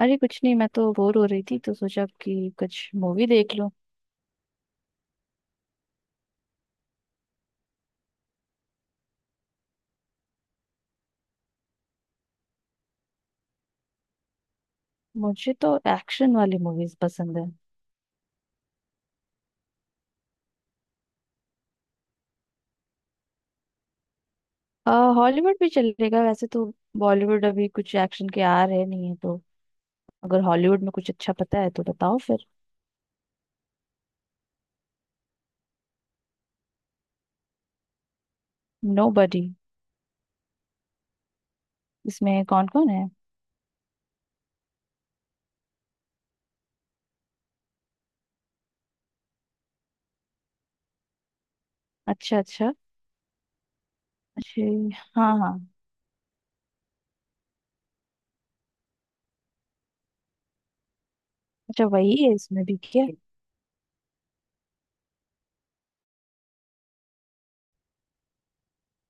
अरे कुछ नहीं, मैं तो बोर हो रही थी तो सोचा कि कुछ मूवी देख लूं। मुझे तो एक्शन वाली मूवीज पसंद है। हॉलीवुड भी चलेगा वैसे तो। बॉलीवुड अभी कुछ एक्शन के आ रहे नहीं है तो अगर हॉलीवुड में कुछ अच्छा पता है तो बताओ फिर। नोबडी। इसमें कौन कौन है? अच्छा अच्छा। अच्छे। हाँ हाँ। अच्छा, वही है इसमें भी क्या?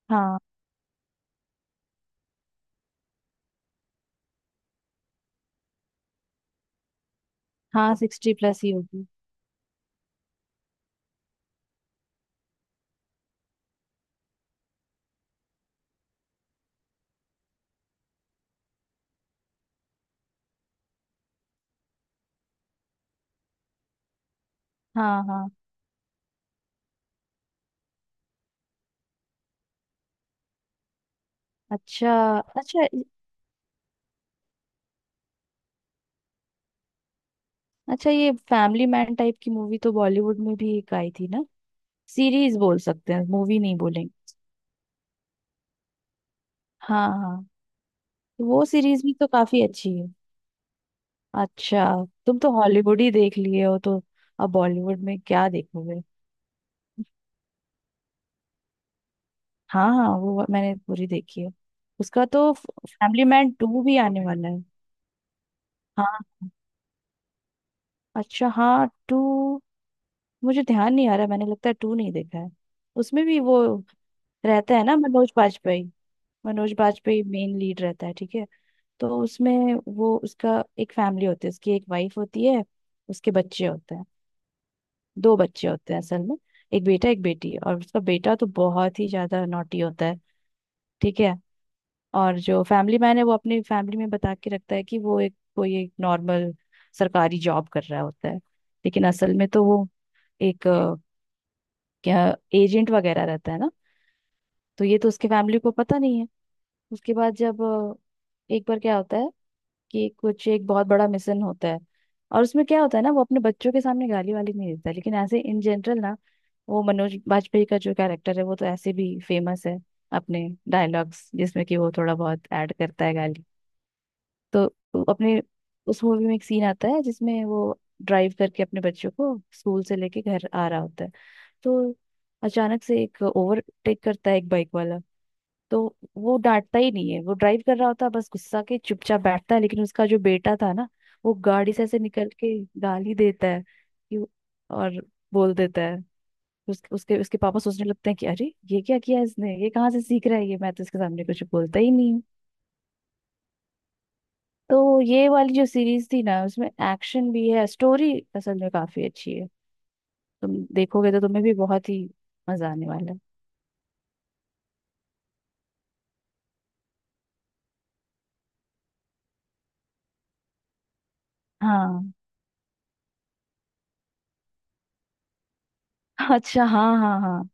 हाँ हाँ, सिक्सटी प्लस ही होगी। हाँ हाँ। अच्छा। अच्छा। अच्छा, ये फैमिली मैन टाइप की मूवी तो बॉलीवुड में भी एक आई थी ना। सीरीज बोल सकते हैं, मूवी नहीं बोलेंगे। हाँ हाँ। तो वो सीरीज भी तो काफी अच्छी है। अच्छा। तुम तो हॉलीवुड ही देख लिए हो तो अब बॉलीवुड में क्या देखोगे? हाँ हाँ, वो मैंने पूरी देखी है। उसका तो फैमिली मैन टू भी आने वाला है। हाँ। अच्छा, हाँ टू। मुझे ध्यान नहीं आ रहा, मैंने लगता है टू नहीं देखा है। उसमें भी वो रहता है ना, मनोज बाजपेयी। मनोज बाजपेयी मेन लीड रहता है, ठीक है। तो उसमें वो, उसका एक फैमिली होती है, उसकी एक वाइफ होती है, उसके बच्चे होते हैं। दो बच्चे होते हैं असल में। एक बेटा एक बेटी, और उसका बेटा तो बहुत ही ज्यादा नॉटी होता है। ठीक है। और जो फैमिली मैन है वो अपनी फैमिली में बता के रखता है कि वो एक, कोई एक नॉर्मल सरकारी जॉब कर रहा होता है, लेकिन असल में तो वो एक क्या, एजेंट वगैरह रहता है ना। तो ये तो उसके फैमिली को पता नहीं है। उसके बाद जब एक बार क्या होता है कि कुछ एक बहुत बड़ा मिशन होता है। और उसमें क्या होता है ना, वो अपने बच्चों के सामने गाली वाली नहीं देता, लेकिन ऐसे इन जनरल ना, वो मनोज बाजपेयी का जो कैरेक्टर है वो तो ऐसे भी फेमस है अपने डायलॉग्स, जिसमें कि वो थोड़ा बहुत ऐड करता है गाली। तो वो अपने उस मूवी में एक सीन आता है जिसमें वो ड्राइव करके अपने बच्चों को स्कूल से लेके घर आ रहा होता है। तो अचानक से एक ओवरटेक करता है, एक बाइक वाला। तो वो डांटता ही नहीं है, वो ड्राइव कर रहा होता है बस, गुस्सा के चुपचाप बैठता है, लेकिन उसका जो बेटा था ना वो गाड़ी से ऐसे निकल के गाली देता है कि, और बोल देता है। उस, उसके उसके पापा सोचने लगते हैं कि अरे ये क्या किया इसने, ये कहाँ से सीख रहा है ये, मैं तो इसके सामने कुछ बोलता ही नहीं हूँ। तो ये वाली जो सीरीज थी ना उसमें एक्शन भी है, स्टोरी असल में काफी अच्छी है। तुम देखोगे तो तुम्हें भी बहुत ही मजा आने वाला है। हाँ। अच्छा। हाँ हाँ हाँ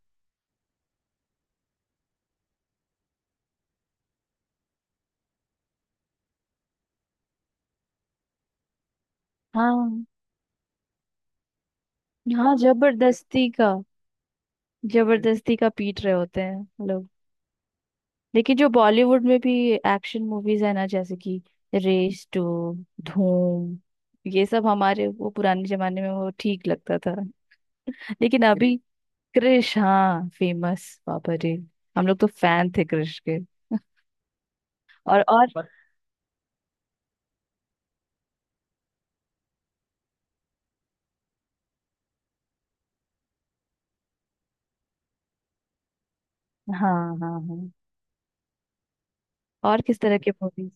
हाँ। हाँ जबरदस्ती का, जबरदस्ती का पीट रहे होते हैं लोग। लेकिन जो बॉलीवुड में भी एक्शन मूवीज है ना, जैसे कि रेस टू, धूम, ये सब हमारे वो पुराने जमाने में वो ठीक लगता था। लेकिन अभी क्रिश, हाँ फेमस, बाबा रे। हम लोग तो फैन थे क्रिश के। और हाँ हाँ हाँ। और किस तरह के मूवीज?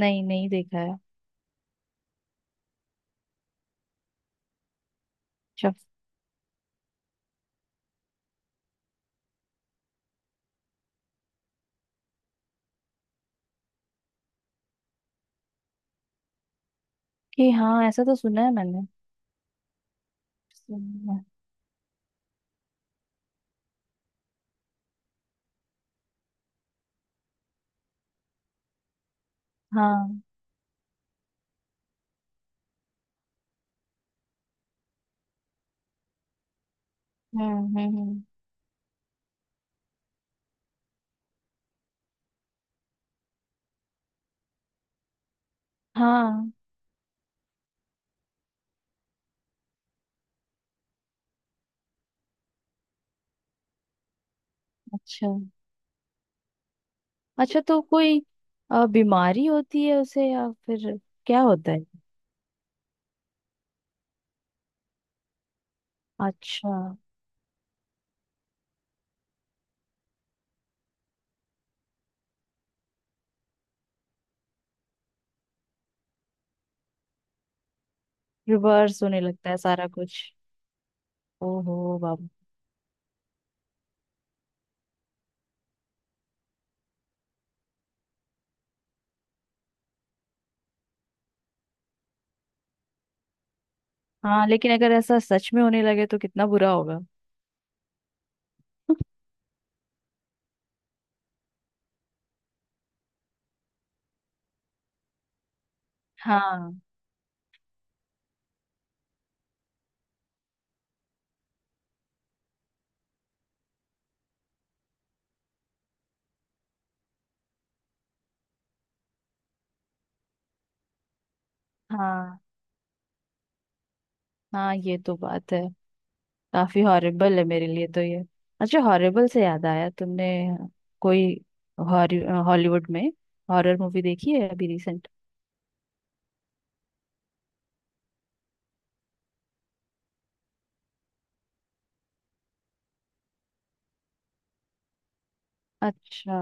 नहीं, नहीं देखा है। अच्छा, कि हाँ, ऐसा तो सुना है मैंने। सुना है। हाँ। हम्म हम्म हम्म। हाँ। अच्छा। अच्छा तो कोई बीमारी होती है उसे, या फिर क्या होता है? अच्छा। रिवर्स होने लगता है सारा कुछ। ओहो बाबू। हाँ लेकिन अगर ऐसा सच में होने लगे तो कितना बुरा होगा। हाँ हाँ हाँ, ये तो बात है। काफी हॉरिबल है मेरे लिए तो ये। अच्छा, हॉरिबल से याद आया, तुमने कोई हॉलीवुड में हॉरर मूवी देखी है अभी रिसेंट? अच्छा।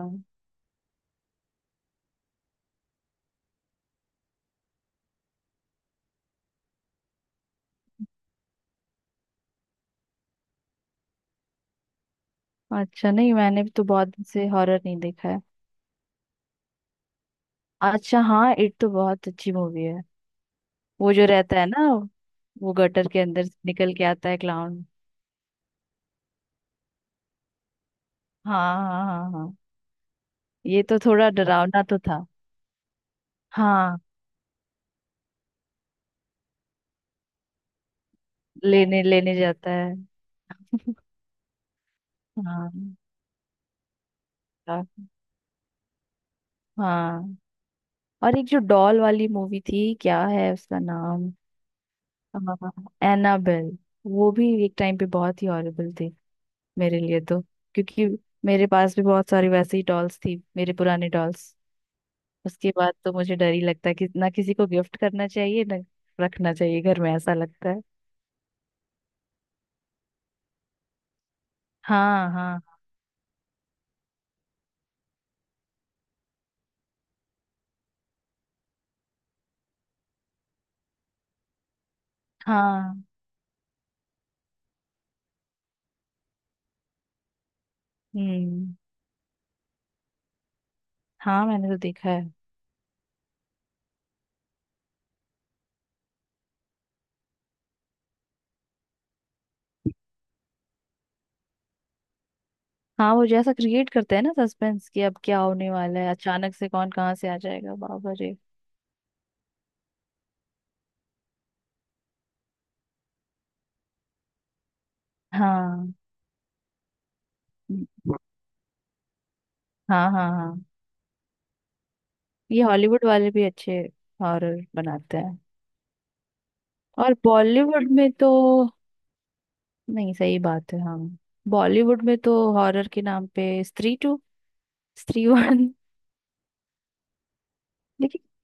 अच्छा, नहीं मैंने तो बहुत दिन से हॉरर नहीं देखा है। अच्छा हाँ, इट तो बहुत अच्छी मूवी है। वो जो रहता है ना, वो गटर के अंदर से निकल के आता है, क्लाउन। हाँ हाँ हाँ हाँ। ये तो थोड़ा डरावना तो था। हाँ। लेने लेने जाता है। हाँ हाँ हाँ। और एक जो डॉल वाली मूवी थी, क्या है उसका नाम? एनाबेल। वो भी एक टाइम पे बहुत ही हॉरिबल थी, मेरे लिए तो, क्योंकि मेरे पास भी बहुत सारी वैसी डॉल्स थी, मेरे पुराने डॉल्स। उसके बाद तो मुझे डर ही लगता है कि ना किसी को गिफ्ट करना चाहिए, ना रखना चाहिए घर में, ऐसा लगता है। हाँ हाँ हाँ। हम्म। हाँ, मैंने तो देखा है। हाँ वो जैसा क्रिएट करते हैं ना सस्पेंस, कि अब क्या होने वाला है, अचानक से कौन कहाँ से आ जाएगा, बाबा रे। हाँ। हम्म। हाँ हाँ हाँ। ये हॉलीवुड वाले भी अच्छे हॉरर बनाते हैं। और बॉलीवुड में तो, नहीं सही बात है, हाँ। बॉलीवुड में तो हॉरर के नाम पे स्त्री टू, स्त्री वन।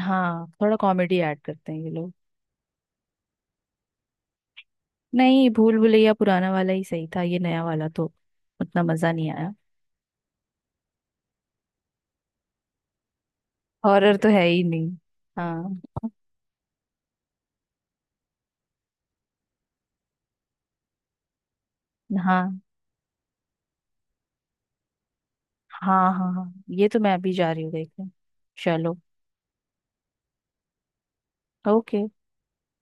हाँ, थोड़ा कॉमेडी ऐड करते हैं ये लोग। नहीं, भूल भुलैया पुराना वाला ही सही था, ये नया वाला तो उतना मजा नहीं आया। हॉरर तो है ही नहीं। हाँ हाँ हाँ हाँ हाँ, ये तो मैं अभी जा रही हूँ देखने। चलो। ओके।